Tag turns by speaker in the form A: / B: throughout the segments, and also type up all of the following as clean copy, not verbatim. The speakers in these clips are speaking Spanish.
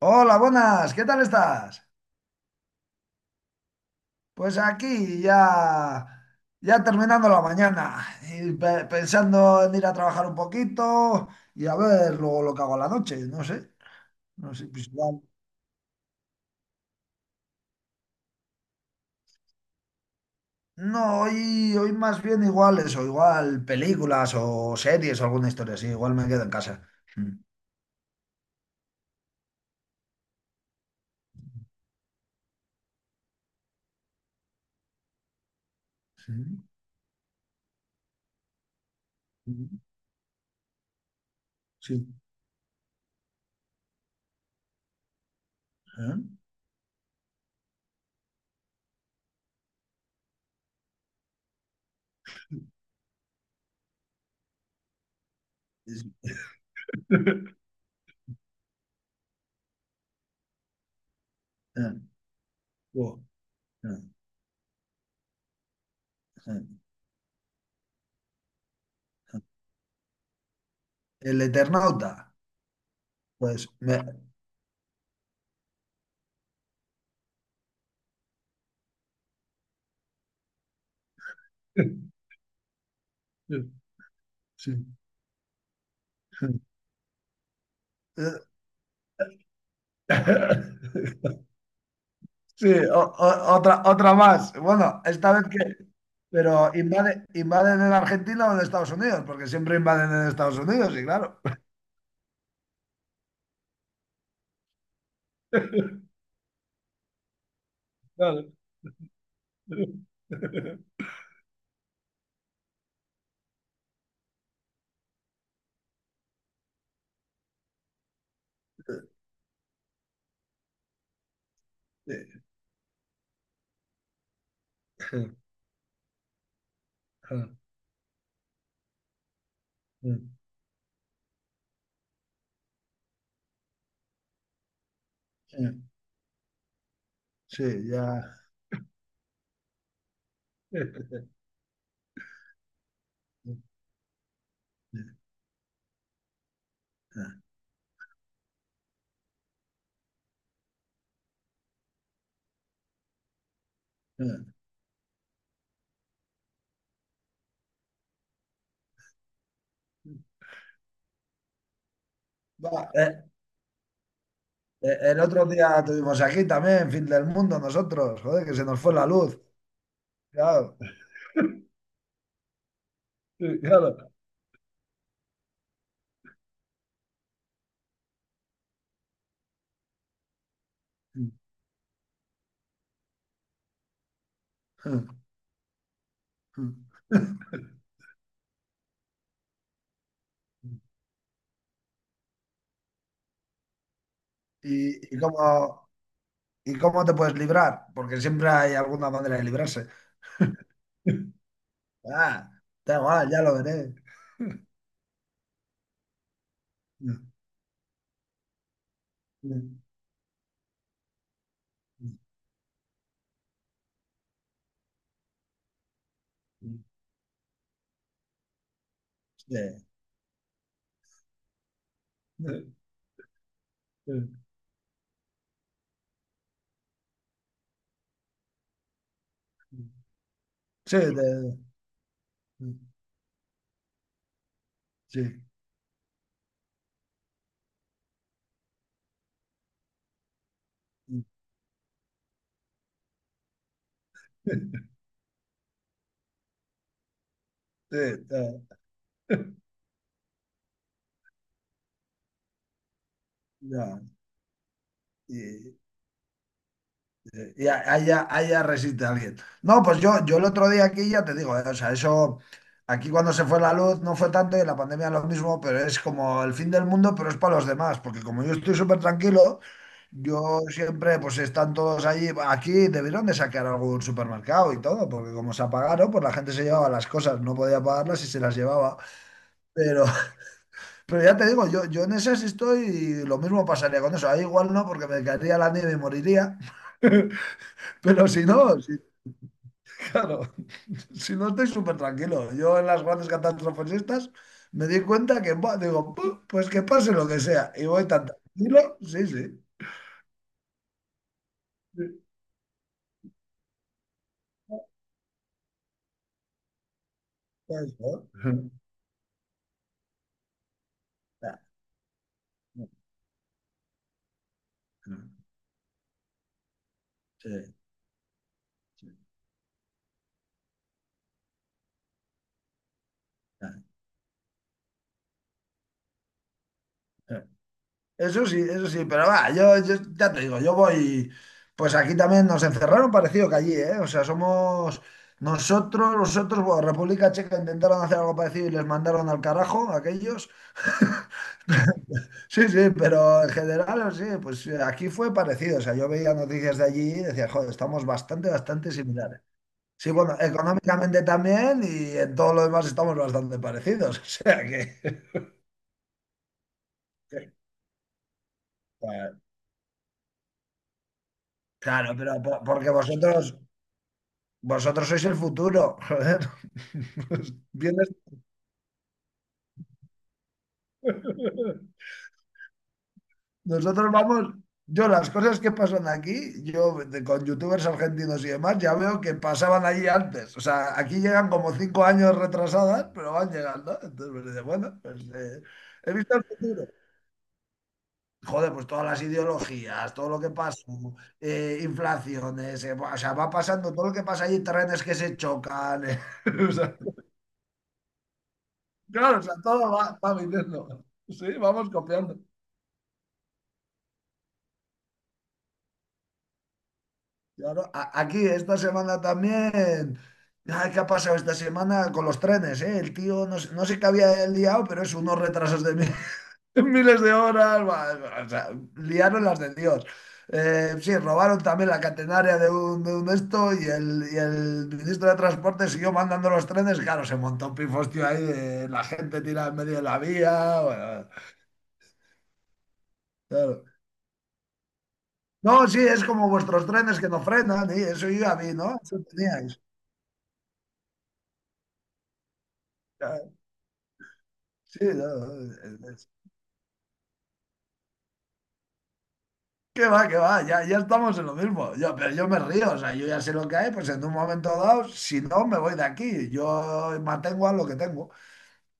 A: Hola, buenas, ¿qué tal estás? Pues aquí ya, ya terminando la mañana y pensando en ir a trabajar un poquito y a ver luego lo que hago a la noche, no sé, pues igual. No, hoy más bien igual eso, igual películas o series o alguna historia así, igual me quedo en casa. Mm, Sí, sí, sí. ¿Eh? Sí. Eh, Oh, eh, eh, eh. El Eternauta, pues me... Sí. Sí, otra, otra más. Bueno, esta vez que... Pero invaden en Argentina o en Estados Unidos, porque siempre invaden en Estados Unidos, y claro. Claro. Sí, ya. Va, eh, el otro día tuvimos aquí también, fin del mundo, nosotros, joder, que se nos fue la luz. Claro. Sí, claro. ¿Y, y cómo, ¿Y cómo te puedes librar? Porque siempre hay alguna manera de librarse. Ah, da igual, ya lo veré. Sí, sí, te- sí, sí, te- ya, y- haya, haya resiste alguien. No, pues yo el otro día aquí ya te digo, o sea, eso, aquí cuando se fue la luz no fue tanto y en la pandemia lo mismo, pero es como el fin del mundo, pero es para los demás, porque como yo estoy súper tranquilo, yo siempre, pues están todos allí, aquí debieron de sacar algún supermercado y todo, porque como se apagaron, pues la gente se llevaba las cosas, no podía pagarlas y se las llevaba. Pero, pero ya te digo, yo en esas estoy y lo mismo pasaría con eso. Ahí igual no, porque me caería la nieve y moriría. Pero si no, claro, si no estoy súper tranquilo. Yo en las grandes catástrofes estas me di cuenta que, buah, digo, "Pu, pues que pase lo que sea". Y voy tan tranquilo, sí, sí. Sí, eso. Sí, sí. Eso sí, eso sí, pero va, yo ya te digo, yo voy, pues aquí también nos encerraron parecido que allí, ¿eh? O sea, somos nosotros, nosotros, bueno, República Checa intentaron hacer algo parecido y les mandaron al carajo a aquellos. Sí, sí, pero en general, sí, pues aquí fue parecido. O sea, yo veía noticias de allí y decía, joder, estamos bastante, bastante similares. Sí, bueno, económicamente también y en todo lo demás estamos bastante parecidos. O sea que. que- Claro, pero porque vosotros, vosotros sois el futuro, joder. Vienes. Nosotros vamos, yo las cosas que pasan aquí, con youtubers argentinos y demás, ya veo que pasaban allí antes. O sea, aquí llegan como 5 años retrasadas, pero van llegando. Entonces me dice, bueno, pues he visto el futuro. Joder, pues todas las ideologías, todo lo que pasa, inflaciones, o sea, va pasando todo lo que pasa allí, trenes que se chocan. O sea, claro, o sea, todo va, va viniendo. Sí, vamos copiando. Claro, aquí esta semana también. Ay, ¿qué ha pasado esta semana con los trenes, eh? El tío, no sé, no sé qué había liado, pero es unos retrasos de miles de horas. Va, o sea, liaron las de Dios. Sí, robaron también la catenaria de un esto y y el ministro de Transporte siguió mandando los trenes. Claro, se montó un pifostio ahí de la gente tirada en medio de la vía. Bueno, claro. No, sí, es como vuestros trenes que no frenan, y eso yo ya vi, ¿no? Eso teníais. Sí, no, no, qué va, ya, ya estamos en lo mismo. Yo, pero yo me río, o sea, yo ya sé lo que hay, pues en un momento dado, si no, me voy de aquí. Yo mantengo a lo que tengo.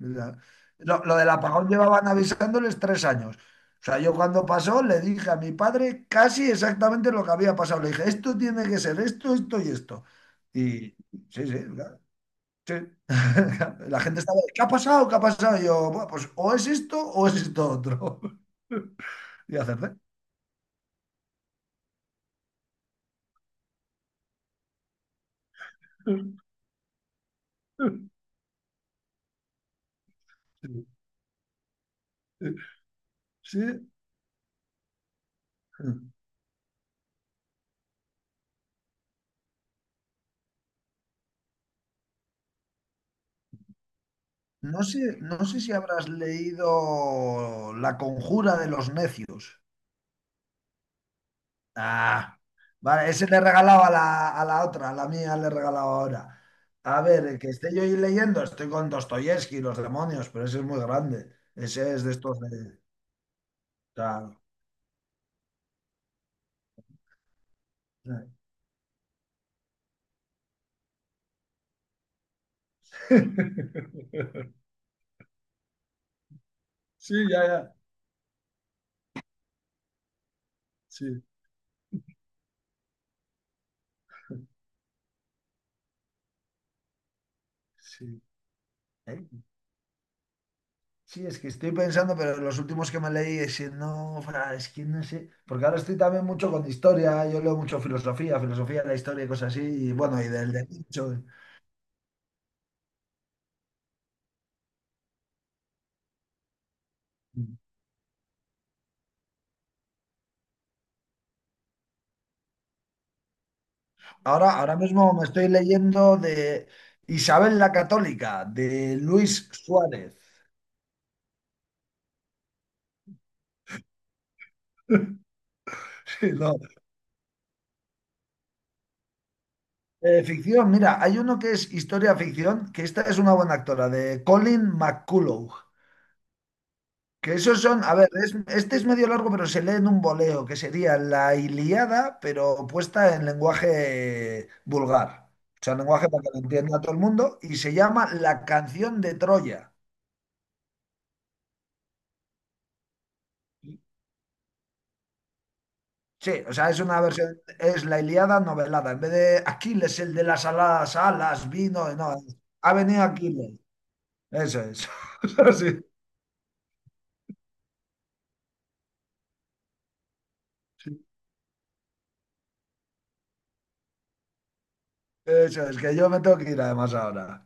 A: O sea, lo del apagón llevaban avisándoles 3 años. O sea, yo cuando pasó le dije a mi padre casi exactamente lo que había pasado. Le dije, esto tiene que ser esto, esto y esto. Y sí, sí, claro, sí. La gente estaba, ¿qué ha pasado? ¿Qué ha pasado? Y yo, "Buah, pues o es esto otro". Y acerté. Sí. No sé, no sé si habrás leído La conjura de los necios. Ah, vale, ese le regalaba a la otra, a la mía le regalaba ahora. A ver, el que esté yo ahí leyendo, estoy con Dostoyevsky, los demonios, pero ese es muy grande. Ese es de estos de... claro. Sí, ya, ya. Sí, sí. ¿Eh? Sí, es que estoy pensando, pero los últimos que me leí, es que no, es que no sé, porque ahora estoy también mucho con historia, yo leo mucho filosofía, filosofía de la historia y cosas así, y bueno, y del derecho. Ahora mismo me estoy leyendo de Isabel la Católica, de Luis Suárez. Sí, no. Ficción, mira, hay uno que es historia ficción, que esta es una buena actora, de Colin McCullough. Que esos son, a ver, este es medio largo, pero se lee en un voleo, que sería la Ilíada, pero puesta en lenguaje vulgar. O sea, lenguaje para que lo entienda todo el mundo, y se llama La canción de Troya. Sí, o sea, es una versión, es la Ilíada novelada. En vez de Aquiles, el de las aladas alas, vino, no, ha venido Aquiles. Eso es. Eso sí, sí. Eso es, que yo me tengo que ir además ahora.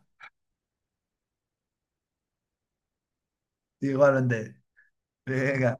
A: Igualmente. Venga.